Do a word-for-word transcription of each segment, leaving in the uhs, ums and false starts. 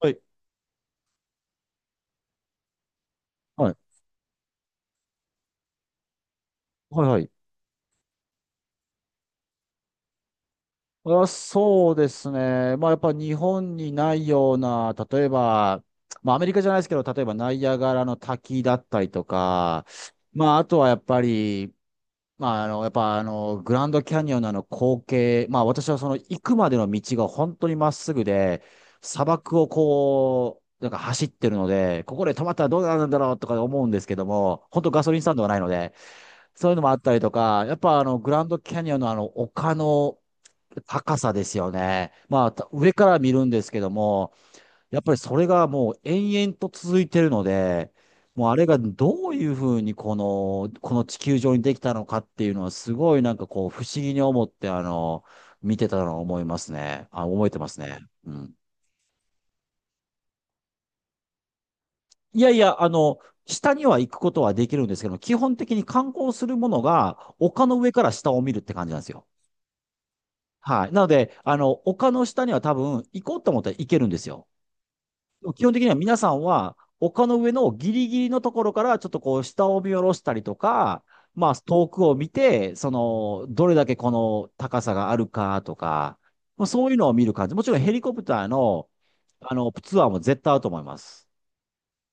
はい。はい。はい、はい。あ、そうですね。まあ、やっぱ日本にないような、例えば、まあ、アメリカじゃないですけど、例えばナイアガラの滝だったりとか、まあ、あとはやっぱり、まあ、あの、やっぱあの、グランドキャニオンのあの光景、まあ、私はその行くまでの道が本当にまっすぐで、砂漠をこう、なんか走ってるので、ここで止まったらどうなるんだろうとか思うんですけども、本当ガソリンスタンドがないので、そういうのもあったりとか、やっぱあの、グランドキャニオンのあの、丘の高さですよね。まあ、た上から見るんですけども、やっぱりそれがもう延々と続いてるので、もうあれがどういうふうにこの、この地球上にできたのかっていうのはすごいなんかこう不思議に思って、あの、見てたのを思いますね。あ、覚えてますね。うん。いやいや、あの、下には行くことはできるんですけども、基本的に観光するものが丘の上から下を見るって感じなんですよ。はい。なので、あの、丘の下には多分行こうと思ったら行けるんですよ。でも基本的には皆さんは丘の上のギリギリのところからちょっとこう下を見下ろしたりとか、まあ遠くを見て、その、どれだけこの高さがあるかとか、まあそういうのを見る感じ。もちろんヘリコプターの、あの、ツアーも絶対あると思います。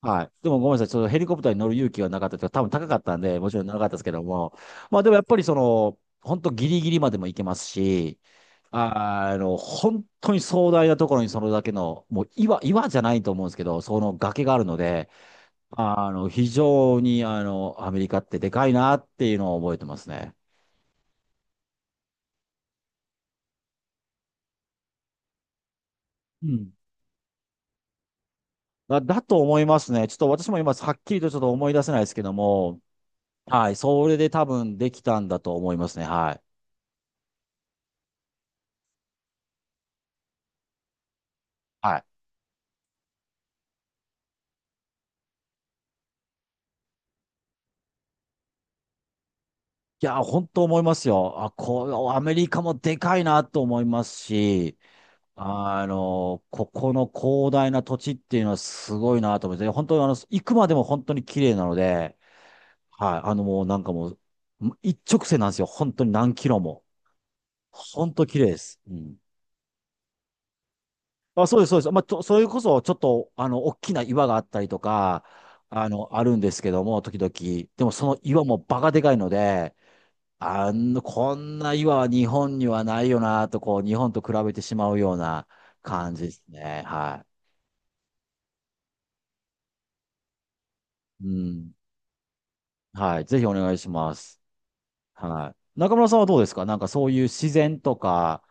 はい。でもごめんなさい。ちょっとヘリコプターに乗る勇気がなかったというか、多分高かったんで、もちろんなかったですけども。まあでもやっぱりその、本当ギリギリまでも行けますし、あの、本当に壮大なところにそれだけの、もう岩、岩じゃないと思うんですけど、その崖があるので、あの、非常に、あの、アメリカってでかいなっていうのを覚えてますね。うん。だ、だと思いますね。ちょっと私も今、はっきりとちょっと思い出せないですけども、はい、それで多分できたんだと思いますね。はい。はい。いや、本当思いますよ。あ、こう、アメリカもでかいなと思いますし、あの、ここの広大な土地っていうのはすごいなと思って、本当にあの、行くまでも本当に綺麗なので、はい、あのもうなんかもう、一直線なんですよ。本当に何キロも。本当綺麗です。うん。あ、そうです、そうです。まあ、と、それこそちょっと、あの、大きな岩があったりとか、あの、あるんですけども、時々。でもその岩もバカでかいので、あの、こんな岩は日本にはないよなと、こう、日本と比べてしまうような感じですね。はい。うん。はい。ぜひお願いします。はい。中村さんはどうですか？なんかそういう自然とか、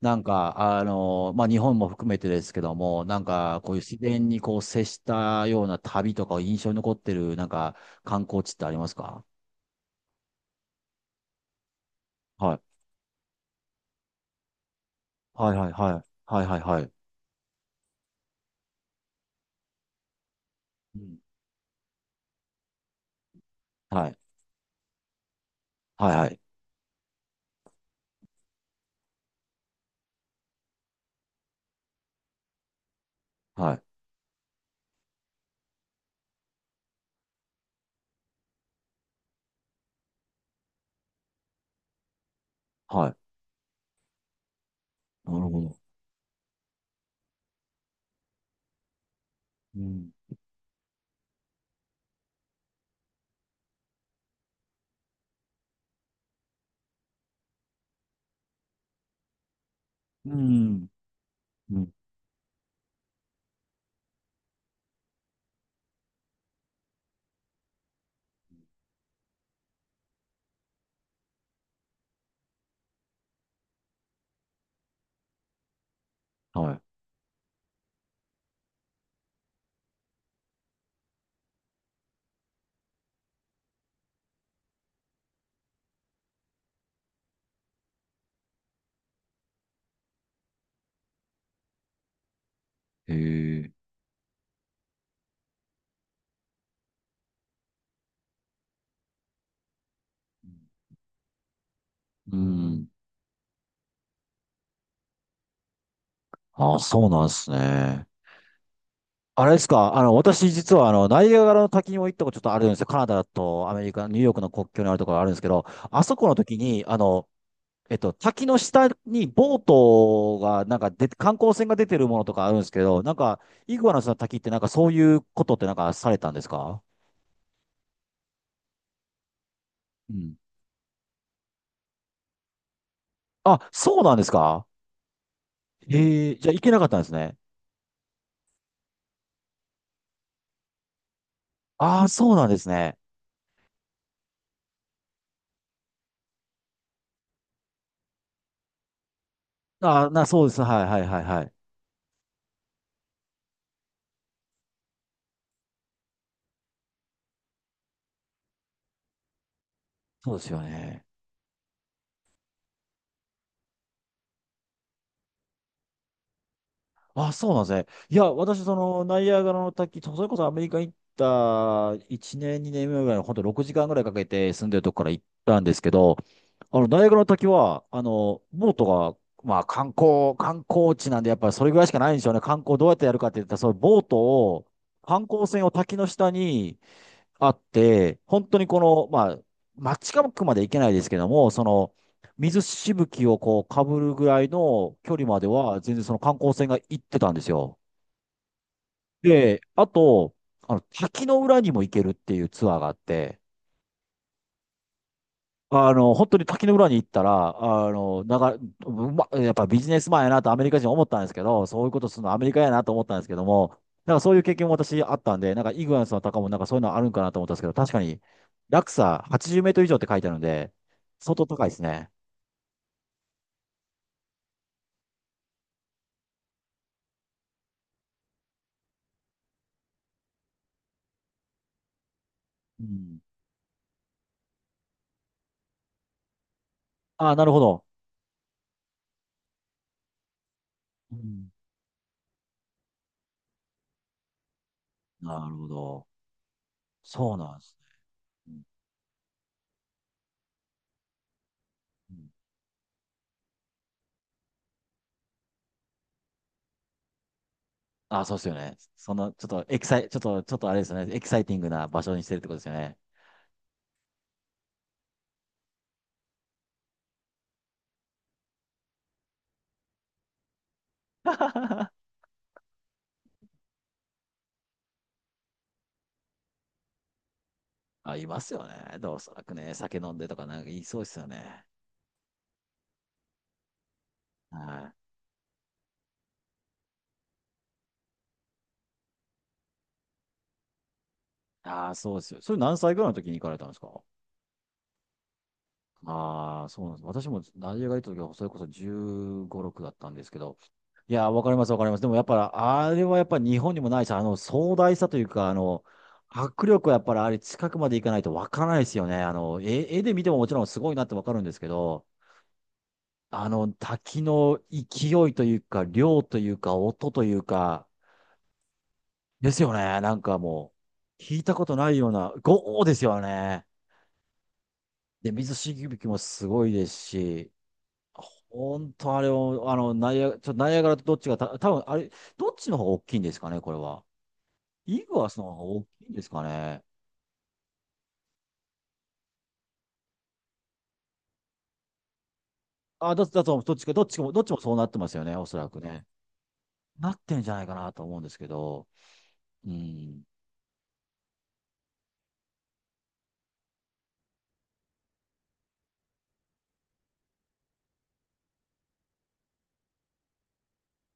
なんか、あの、まあ、日本も含めてですけども、なんか、こういう自然にこう接したような旅とか印象に残ってる、なんか、観光地ってありますか？はい。はいはいはい。はいはいはい。うん。はい。はいはい。はい。はい。なるほど。うん。うん。うん。はい。へえ。うん。ああ、そうなんですね。あれですか、あの、私実はあの、ナイアガラの滝にも行ったことちょっとあるんですよ。カナダとアメリカ、ニューヨークの国境にあるところがあるんですけど、あそこの時に、あの、えっと、滝の下にボートが、なんかで、観光船が出てるものとかあるんですけど、なんか、イグアナスの滝ってなんかそういうことってなんかされたんですか？うん。あ、そうなんですか？ええ、じゃあ行けなかったんですね。ああ、そうなんですね。ああ、な、そうです。はいはいはいはい。そうですよね。あ、そうなんですね。いや、私、その、ナイアガラの滝、それこそアメリカ行ったいちねん、にねんめぐらいの、本当ろくじかんぐらいかけて住んでるとこから行ったんですけど、あの、ナイアガラの滝は、あの、ボートが、まあ、観光、観光地なんで、やっぱりそれぐらいしかないんでしょうね。観光どうやってやるかって言ったら、そのボートを、観光船を滝の下に、あって、本当にこの、まあ、街近くまで行けないですけども、その、水しぶきをこう、かぶるぐらいの距離までは、全然その観光船が行ってたんですよ。で、あと、あの、滝の裏にも行けるっていうツアーがあって、あの、本当に滝の裏に行ったら、あの、なが、うま、やっぱビジネスマンやなとアメリカ人思ったんですけど、そういうことするのアメリカやなと思ったんですけども、なんかそういう経験も私あったんで、なんかイグアスの高もなんかそういうのあるんかなと思ったんですけど、確かに落差はちじゅうメートル以上って書いてあるんで、相当高いですね。うん。ああ、なるほど。うん。なるほど。そうなんですね。うんうん。ああ、そうですよね。その、ちょっとエキサイ、ちょっと、ちょっとあれですよね。エキサイティングな場所にしてるってことですよね。あ、いますよね。でおそらくね、酒飲んでとかなんか言いそうですよね。はい。ああ、そうですよ。それ何歳ぐらいの時に行かれたんですか？ああー、そうなんです。私もナイジェリアが行った時は、それこそじゅうご、ろくだったんですけど。いやー、わかります、わかります。でもやっぱり、あれはやっぱり日本にもないし、あの、壮大さというか、あの、迫力はやっぱりあれ近くまで行かないとわからないですよね。あの、絵、絵で見てももちろんすごいなってわかるんですけど、あの、滝の勢いというか、量というか、音というか、ですよね。なんかもう、聞いたことないような、ゴーですよね。で、水しぶきもすごいですし、本当あれを、あの、ナイア、ちょっとナイアガラとどっちがた、多分あれ、どっちの方が大きいんですかね、これは。イグアスの方が大きいんですかね。あ、だ、だと、どっちか、どっちも、どっちもそうなってますよね、おそらくね。なってんじゃないかなと思うんですけど。うん。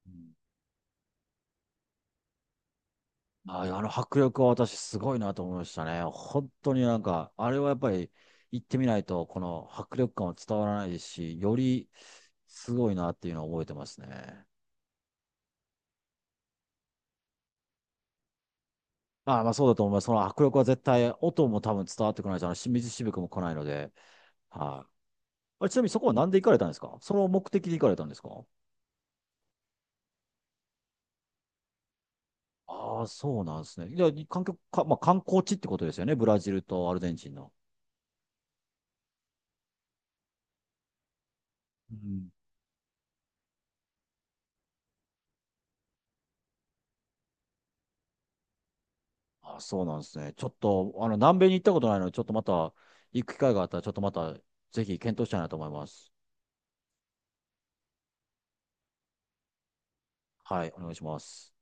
うん。ああの迫力は私すごいなと思いましたね。本当になんか、あれはやっぱり行ってみないと、この迫力感は伝わらないですし、よりすごいなっていうのを覚えてますね。ああ、まあそうだと思います。その迫力は絶対、音も多分伝わってこないし、あのし水しぶきも来ないので。はい、あれ、ちなみにそこは何で行かれたんですか？その目的で行かれたんですか？ああ、そうなんですね。いや、観光か、まあ観光地ってことですよね。ブラジルとアルゼンチンの。うん。あ、そうなんですね。ちょっと、あの、南米に行ったことないので、ちょっとまた、行く機会があったら、ちょっとまた、ぜひ検討したいなと思います。はい、お願いします。